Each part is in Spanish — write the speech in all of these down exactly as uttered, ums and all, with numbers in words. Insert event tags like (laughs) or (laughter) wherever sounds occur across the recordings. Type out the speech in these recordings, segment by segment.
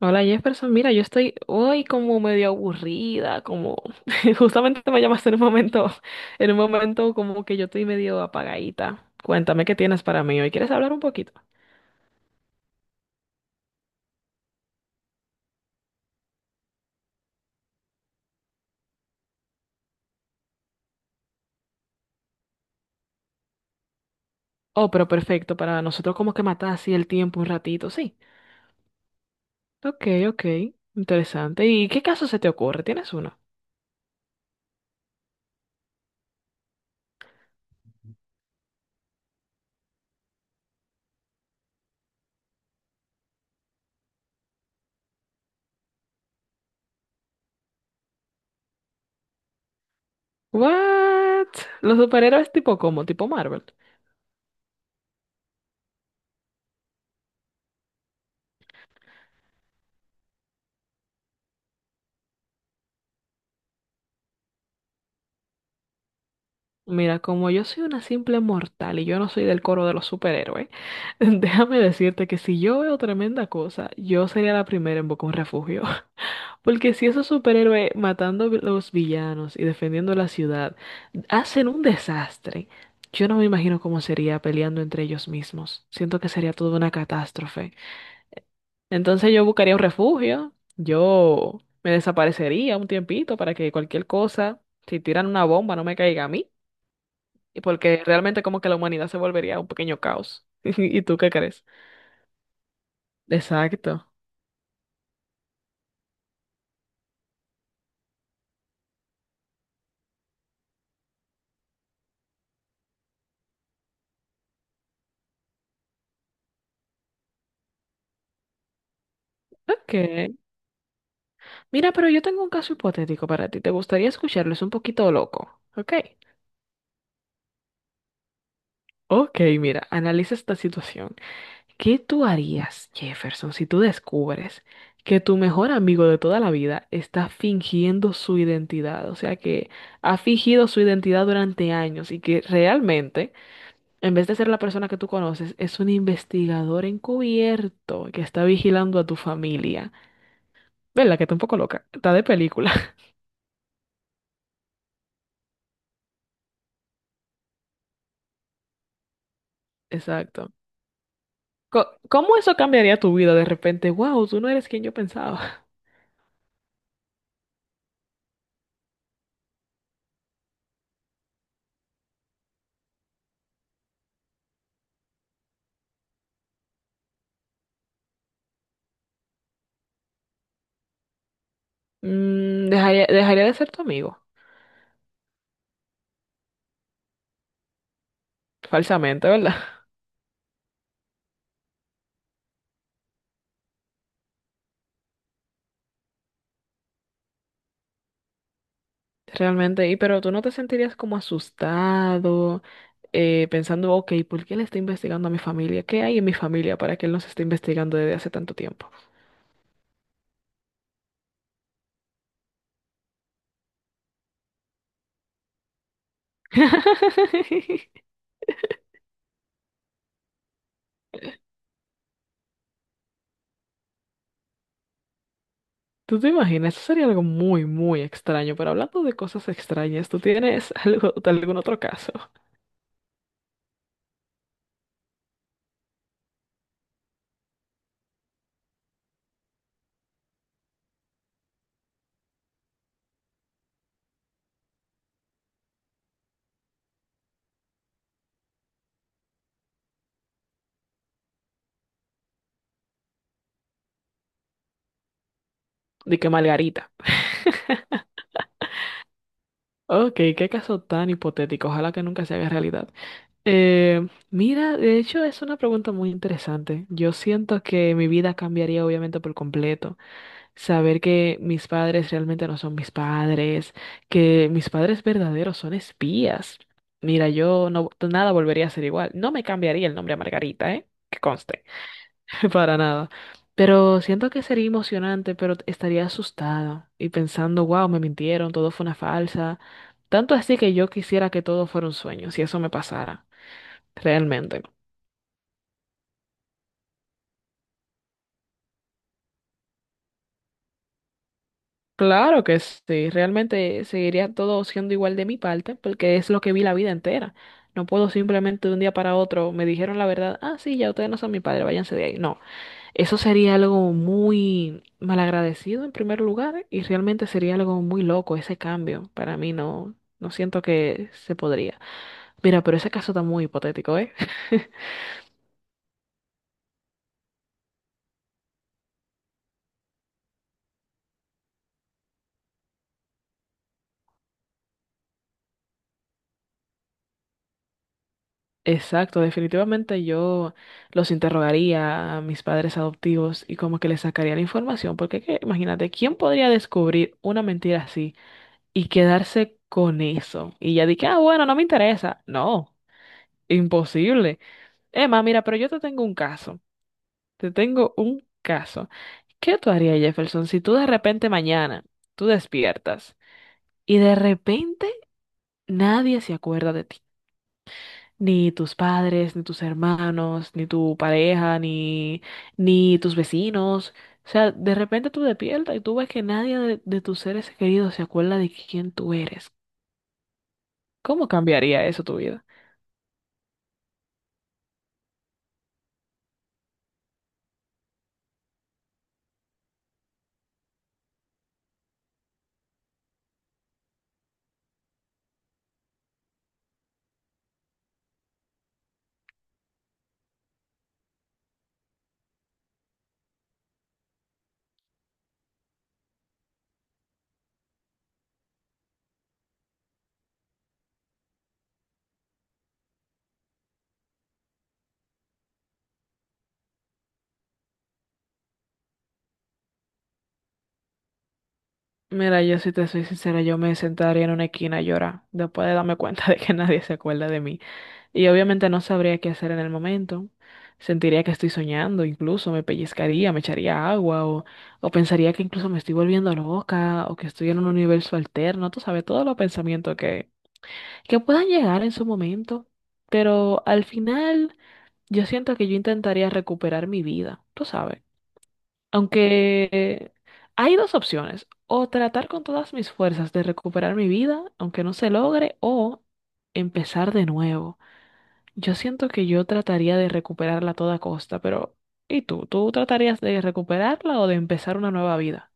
Hola Jefferson, mira, yo estoy hoy como medio aburrida, como (laughs) justamente me llamaste en un momento, en un momento como que yo estoy medio apagadita. Cuéntame qué tienes para mí hoy. ¿Quieres hablar un poquito? Oh, pero perfecto, para nosotros como que matar así el tiempo un ratito, sí. Ok, ok, interesante. ¿Y qué caso se te ocurre? ¿Tienes uno? What? ¿Los superhéroes tipo cómo? ¿Tipo Marvel? Mira, como yo soy una simple mortal y yo no soy del coro de los superhéroes, (laughs) déjame decirte que si yo veo tremenda cosa, yo sería la primera en buscar un refugio. (laughs) Porque si esos superhéroes matando vi- los villanos y defendiendo la ciudad hacen un desastre, yo no me imagino cómo sería peleando entre ellos mismos. Siento que sería toda una catástrofe. Entonces yo buscaría un refugio, yo me desaparecería un tiempito para que cualquier cosa, si tiran una bomba, no me caiga a mí. Y porque realmente como que la humanidad se volvería un pequeño caos. (laughs) ¿Y tú qué crees? Exacto. Ok. Mira, pero yo tengo un caso hipotético para ti. ¿Te gustaría escucharlo? Es un poquito loco. Ok. Ok, mira, analiza esta situación. ¿Qué tú harías, Jefferson, si tú descubres que tu mejor amigo de toda la vida está fingiendo su identidad? O sea, que ha fingido su identidad durante años y que realmente, en vez de ser la persona que tú conoces, es un investigador encubierto que está vigilando a tu familia. ¿Verdad? Que está un poco loca. Está de película. (laughs) Exacto. Co- ¿Cómo eso cambiaría tu vida de repente? Wow, tú no eres quien yo pensaba. Mm, dejaría, dejaría de ser tu amigo. Falsamente, ¿verdad? (laughs) Realmente. Y pero tú no te sentirías como asustado, eh, pensando, ok, ¿por qué él está investigando a mi familia? ¿Qué hay en mi familia para que él nos esté investigando desde hace tanto tiempo? (laughs) ¿Tú te imaginas? Eso sería algo muy, muy extraño. Pero hablando de cosas extrañas, ¿tú tienes (laughs) algo, algún otro caso? De que Margarita. Ok, qué caso tan hipotético. Ojalá que nunca se haga realidad. Eh, mira, de hecho es una pregunta muy interesante. Yo siento que mi vida cambiaría obviamente por completo. Saber que mis padres realmente no son mis padres, que mis padres verdaderos son espías. Mira, yo no, nada volvería a ser igual. No me cambiaría el nombre a Margarita, ¿eh? Que conste. (laughs) Para nada. Pero siento que sería emocionante, pero estaría asustada y pensando, wow, me mintieron, todo fue una falsa. Tanto así que yo quisiera que todo fuera un sueño, si eso me pasara, realmente. Claro que sí, realmente seguiría todo siendo igual de mi parte, porque es lo que vi la vida entera. No puedo simplemente de un día para otro, me dijeron la verdad, ah, sí, ya ustedes no son mi padre, váyanse de ahí. No. Eso sería algo muy malagradecido en primer lugar y realmente sería algo muy loco ese cambio. Para mí no, no siento que se podría. Mira, pero ese caso está muy hipotético, ¿eh? (laughs) Exacto, definitivamente yo los interrogaría a mis padres adoptivos y como que les sacaría la información, porque que- imagínate, ¿quién podría descubrir una mentira así y quedarse con eso? Y ya dije, ah, bueno, no me interesa. No, imposible. Emma, mira, pero yo te tengo un caso. Te tengo un caso. ¿Qué tú harías, Jefferson, si tú de repente mañana tú despiertas y de repente nadie se acuerda de ti? Ni tus padres, ni tus hermanos, ni tu pareja, ni, ni tus vecinos. O sea, de repente tú despiertas y tú ves que nadie de, de tus seres queridos se acuerda de quién tú eres. ¿Cómo cambiaría eso tu vida? Mira, yo si te soy sincera, yo me sentaría en una esquina a llorar después de darme cuenta (laughs) de que nadie se acuerda de mí. Y obviamente no sabría qué hacer en el momento. Sentiría que estoy soñando, incluso me pellizcaría, me echaría agua o, o pensaría que incluso me estoy volviendo loca o que estoy en un universo alterno. Tú sabes, todos los pensamientos que, que puedan llegar en su momento. Pero al final yo siento que yo intentaría recuperar mi vida, tú sabes. Aunque hay dos opciones. O tratar con todas mis fuerzas de recuperar mi vida, aunque no se logre, o empezar de nuevo. Yo siento que yo trataría de recuperarla a toda costa, pero ¿y tú? ¿Tú tratarías de recuperarla o de empezar una nueva vida?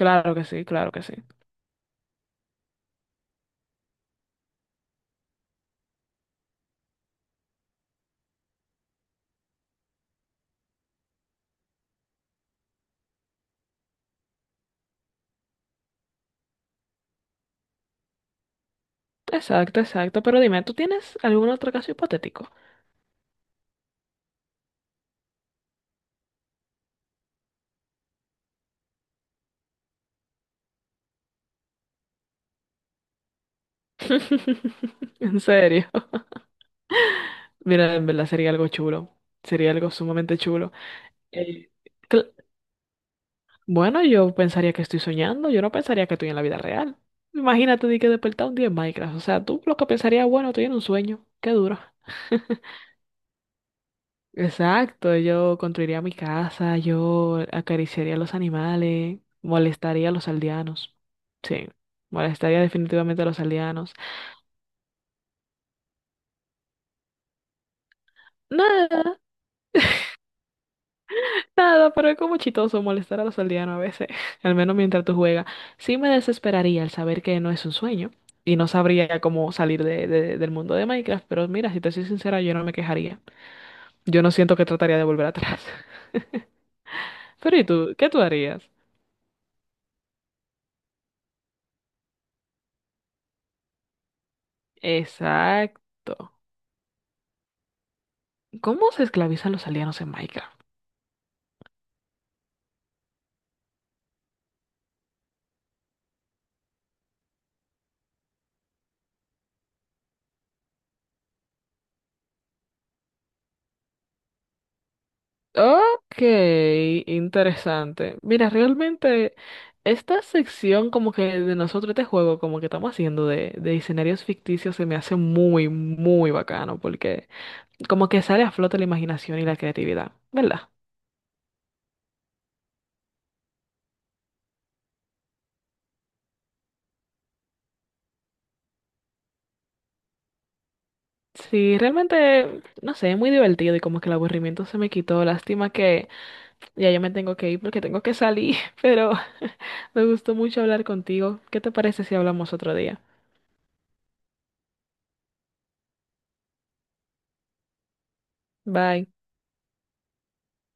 Claro que sí, claro que sí. Exacto, exacto. Pero dime, ¿tú tienes algún otro caso hipotético? (laughs) En serio. Mira, en verdad sería algo chulo. Sería algo sumamente chulo. Eh, cl- bueno, yo pensaría que estoy soñando. Yo no pensaría que estoy en la vida real. Imagínate de que despertar un día en Minecraft. O sea, tú lo que pensarías, bueno, estoy en un sueño. Qué duro. Exacto, yo construiría mi casa, yo acariciaría a los animales, molestaría a los aldeanos. Sí, molestaría definitivamente a los aldeanos. Nada, nada, pero es como chistoso molestar a los aldeanos a veces, (laughs) al menos mientras tú juegas. Sí me desesperaría al saber que no es un sueño y no sabría cómo salir de- de- del mundo de Minecraft, pero mira, si te soy sincera, yo no me quejaría. Yo no siento que trataría de volver atrás. (laughs) Pero ¿y tú? ¿Qué tú harías? Exacto. ¿Cómo se esclavizan los aldeanos en Minecraft? Ok, interesante. Mira, realmente esta sección como que de nosotros, este juego como que estamos haciendo de, de escenarios ficticios se me hace muy, muy bacano porque como que sale a flote la imaginación y la creatividad, ¿verdad? Sí, realmente, no sé, es muy divertido y como que el aburrimiento se me quitó. Lástima que ya yo me tengo que ir porque tengo que salir, (laughs) pero (laughs) me gustó mucho hablar contigo. ¿Qué te parece si hablamos otro día? Bye.